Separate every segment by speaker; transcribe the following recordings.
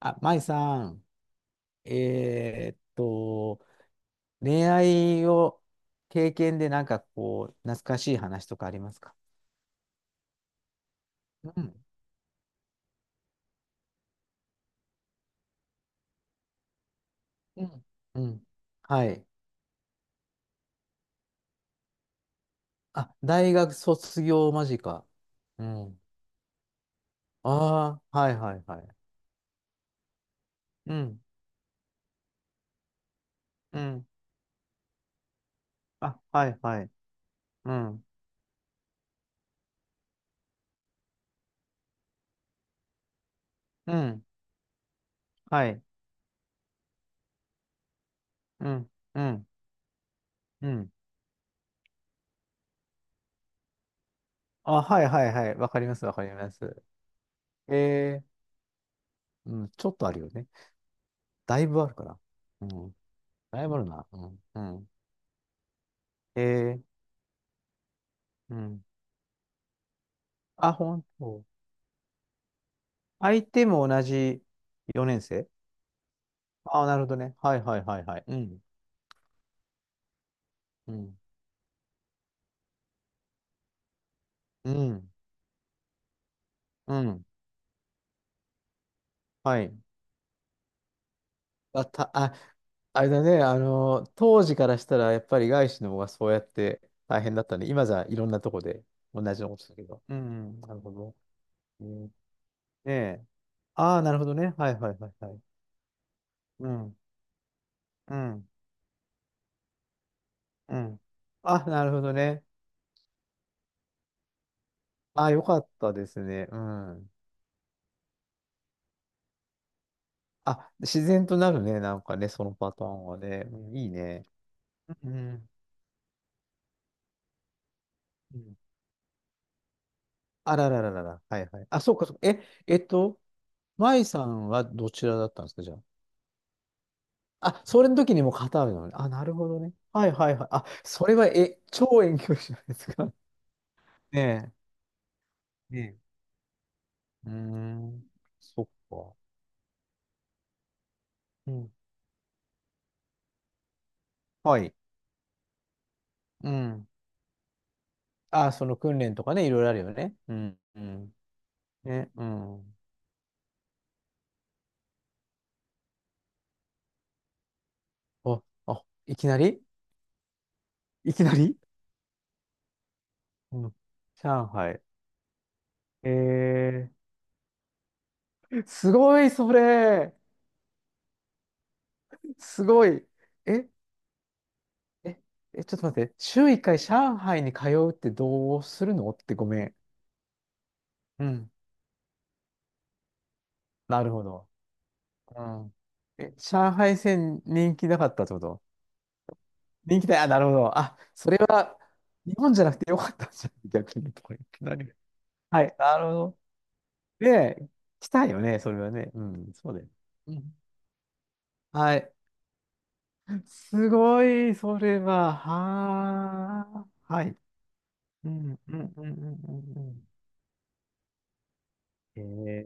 Speaker 1: あ、舞さん、えーっと、恋愛を経験でなんかこう、懐かしい話とかありますか？うん、うん、うん。はい。あ、大学卒業間近。うん。ああ、はいはいはい。うん、うん。あ、はいはい。うん、うん、はい。うん、うん、うん。あ、はいはいはい。わかります、わかります。えー、うん、ちょっとあるよね。だいぶあるから。うん、だいぶあるな。うん、うん。ええ、うん。あ、本当？相手も同じ4年生？あ、なるほどね。はいはいはいはい。うん。うん。うん。うん。はい。あ、た、あ、あれだね。あの、当時からしたら、やっぱり外資の方がそうやって大変だったね。今じゃいろんなとこで同じのことだけど。うん。なるほど。うん。ねえ。ああ、なるほどね。はいはいはいはい。うん。うん。うん。あ、なるほどね。あ、よかったですね。うん。あ、自然となるね。なんかね、そのパターンはね。うん、いいね。うん。うん。あららららら。はいはい。あ、そうか、そうか。え、えっと、舞さんはどちらだったんですか、じゃあ？あ、それの時にもうカタールなのね。あ、なるほどね。はいはいはい。あ、それは、え、超遠距離じゃないですか。ねえ、ねえ。うーん。そっか。うん。はい。うん。あ、その訓練とかね、いろいろあるよね。うん。うん。ね。うん。あ、いきなり、いきなり、うん、上海。えー、すごい、それ。すごい。え、え、え、ちょっと待って。週1回上海に通うってどうするのって、ごめん。うん。なるほど。うん。え、上海線人気なかったってこと？人気だ。あ、なるほど。あ、それは日本じゃなくてよかったんじゃん。逆にとか言、何が。はい、なるほど。で、来たよね、それはね。うん、そうだよ。うん。はい。すごい、それは、は、あ、はい。うん、うん、うん、うん、うん、うん。え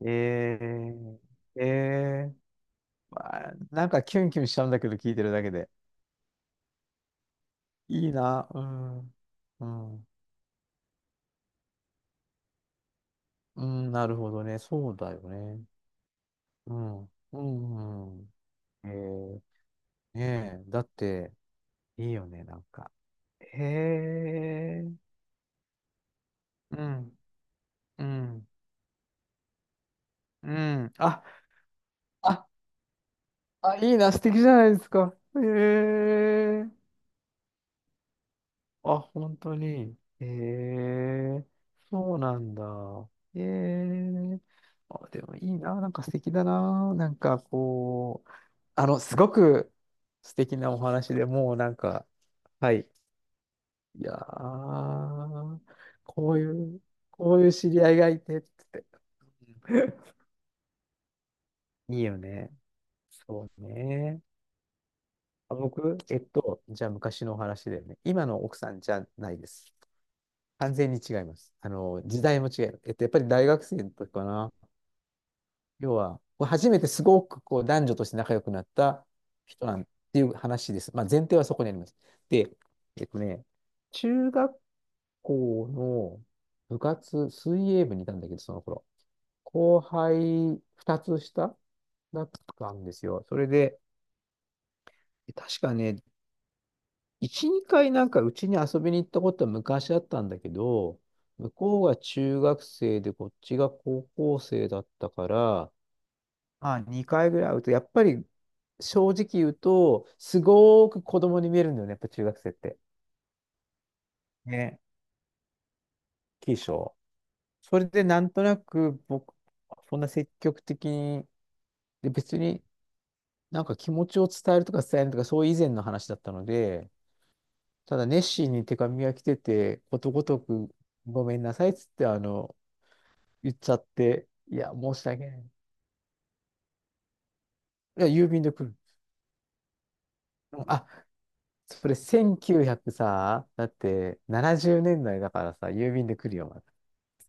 Speaker 1: ー、えー、えー、わあ、なんかキュンキュンしちゃうんだけど、聞いてるだけで。いいな、うん、うん、うん、なるほどね、そうだよね。うん、うん、うん。えー、ねえ、だって、いいよね、なんか。へえ、うん、うん、うん。あ、ああ、いいな、素敵じゃないですか。へえ。あ、本当に。へえ。そうなんだ。へえ。あ、でもいいな、なんか素敵だな。なんかこう、すごく素敵なお話でもうなんか、はい。いやー、こういう、こういう知り合いがいてって、いいよね。そうね。あ、僕、じゃあ昔のお話だよね。今の奥さんじゃないです。完全に違います。あの、時代も違う。やっぱり大学生の時かな。要は、初めてすごくこう男女として仲良くなった人なんていう話です。まあ、前提はそこにあります。で、えっとね、中学校の部活、水泳部にいたんだけど、その頃。後輩2つ下だったんですよ。それで、確かね、1、2回なんかうちに遊びに行ったことは昔あったんだけど、向こうが中学生でこっちが高校生だったから、まあ、2回ぐらい会うと、やっぱり正直言うと、すごーく子供に見えるんだよね、やっぱ中学生って。ね、大きいでしょ。それでなんとなく僕、そんな積極的に、で別になんか気持ちを伝えるとか伝えるとか、そういう以前の話だったので、ただ熱心に手紙が来てて、ことごとく、ごめんなさいっつって、言っちゃって、いや、申し訳ない。いや、郵便で来る。うん、あ、それ1900さ、だって70年代だいだからさ、郵便で来るよ。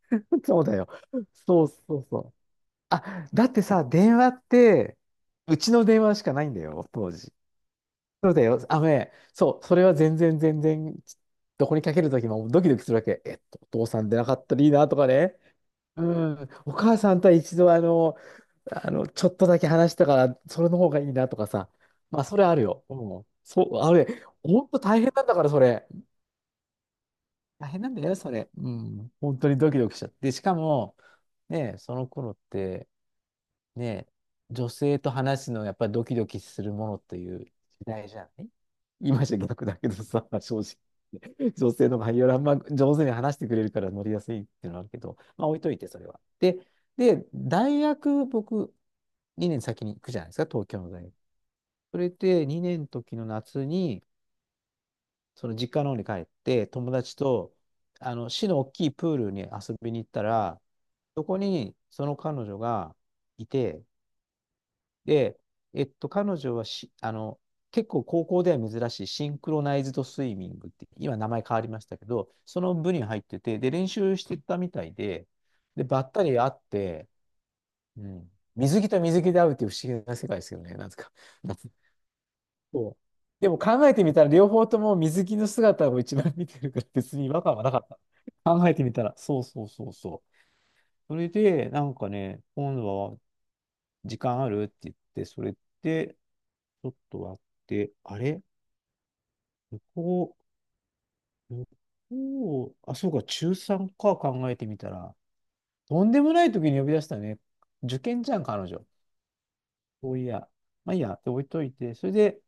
Speaker 1: そうだよ。そう、そう、そう。あ、だってさ、電話って、うちの電話しかないんだよ、当時。そうだよ。あのね、そう、それは全然、全然、どこにかけるときもドキドキするわけ。お父さんでなかったらいいなとかね。うん、お母さんとは一度あの、ちょっとだけ話したから、それの方がいいなとかさ。まあ、それあるよ。うん。そう、あれ、ほんと大変なんだから、それ。大変なんだよ、それ。うん。本当にドキドキしちゃって。しかも、ね、その頃って、ね、女性と話すの、やっぱりドキドキするものという時代じゃない？今じゃ逆だけどさ、正直。女性の概要欄、まあ、上手に話してくれるから乗りやすいっていうのはあるけど、まあ置いといて、それは。で、大学、僕、2年先に行くじゃないですか、東京の大学。それで2年の時の夏に、その実家の方に帰って、友達と、市の大きいプールに遊びに行ったら、そこにその彼女がいて、で、彼女はし、あの、結構高校では珍しいシンクロナイズドスイミングって、今名前変わりましたけど、その部に入ってて、で、練習してたみたいで、で、ばったり会って、うん、水着と水着で会うっていう不思議な世界ですよね、なんか。夏、そう。でも考えてみたら、両方とも水着の姿を一番見てるから、別に違和感はなかった。考えてみたら、そう、そう、そう、そう。それで、なんかね、今度は時間あるって言って、それで、ちょっと割って、あれ向こ向こう、あ、そうか、中3か考えてみたら、とんでもない時に呼び出したね。受験じゃん、彼女。そういや。まあいいや、って置いといて、それで、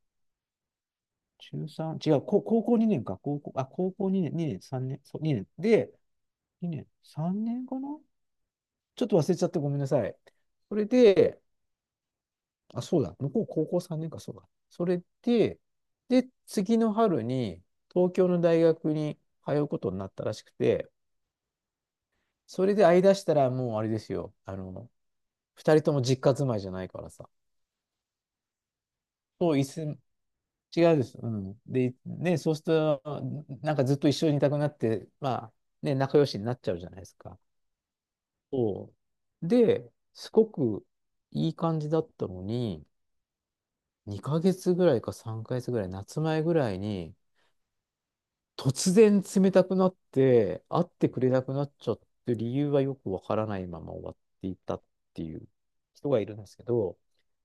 Speaker 1: 中3、違う、高校2年か、高校、あ、高校2年、2年、3年、そう、2年。で、2年、3年かな、ちょっと忘れちゃってごめんなさい。それで、あ、そうだ、向こう高校3年か、そうだ。それで、次の春に東京の大学に通うことになったらしくて、それで会い出したらもうあれですよ、2人とも実家住まいじゃないからさ。そう、違うです。うん。で、ね、そうすると、なんかずっと一緒にいたくなって、まあ、ね、仲良しになっちゃうじゃないですか。そう。で、すごくいい感じだったのに、2ヶ月ぐらいか3ヶ月ぐらい、夏前ぐらいに、突然冷たくなって、会ってくれなくなっちゃって、理由はよくわからないまま終わっていったっていう人がいるんですけど、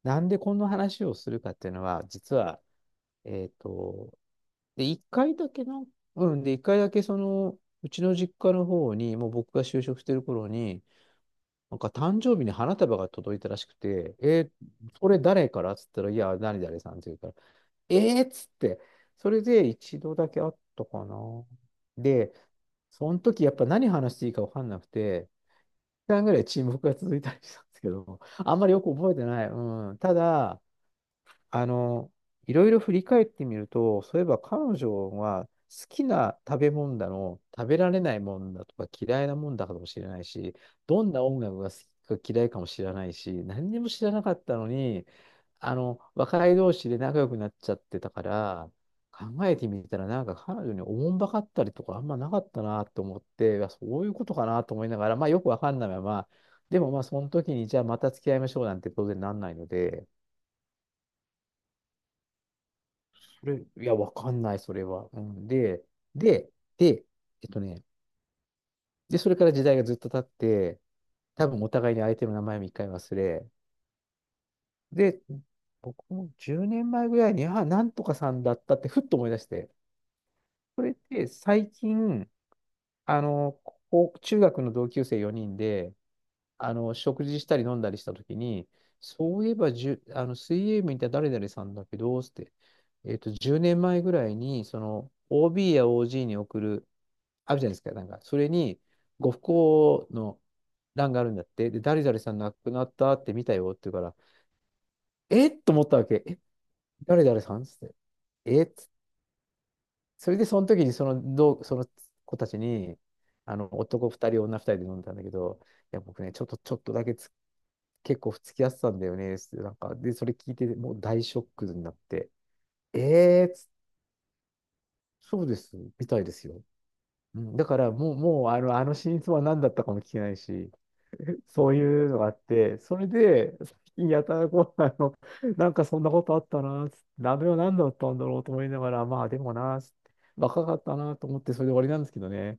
Speaker 1: なんでこんな話をするかっていうのは、実は、えっと、で、1回だけな、うん、で、1回だけその、うちの実家の方に、もう僕が就職してる頃に、なんか誕生日に花束が届いたらしくて、それ誰からっつったら、いや、何々さんって言うから、えーっつって、それで一度だけあったかな。で、その時やっぱ何話していいか分かんなくて、1時間ぐらい沈黙が続いたりしたんですけど、あんまりよく覚えてない。うん。ただ、あの、いろいろ振り返ってみると、そういえば彼女は好きな食べ物だの、食べられないもんだとか嫌いなもんだかもしれないし、どんな音楽が好きか嫌いかも知らないし、何にも知らなかったのに、若い同士で仲良くなっちゃってたから、考えてみたらなんか彼女におもんばかったりとかあんまなかったなと思って、いやそういうことかなと思いながら、まあよくわかんないまま、でもまあその時にじゃあまた付き合いましょうなんて当然なんないので、それ、いや、わかんない、それは。うん、で、で、で、えっとね、で、それから時代がずっと経って、多分お互いに相手の名前も一回忘れ、で、僕も10年前ぐらいに、あ、なんとかさんだったってふっと思い出して、それって最近、あの、こう中学の同級生4人で、食事したり飲んだりしたときに、そういえばじゅ、あの、水泳部にいた誰々さんだけど、つって、10年前ぐらいに、その、OB や OG に送る、あるじゃないですか、なんか、それに、ご不幸の欄があるんだって、で、誰々さん亡くなったって見たよって言うから、えっと思ったわけ。え、誰々さんつって。えっつそれで、その時にその子たちに、男2人、女2人で飲んだんだけど、いや、僕ね、ちょっとだけつ結構付き合ってたんだよね、つって、なんか、で、それ聞いて、もう大ショックになって、えー、つそうです、みたいですよ。うん、だからもう、あの真相は何だったかも聞けないし、そういうのがあって、それで、最近やたらこう、なんかそんなことあったな、つって、鍋は何だったんだろうと思いながら、まあでもな、つって若かったなと思って、それで終わりなんですけどね。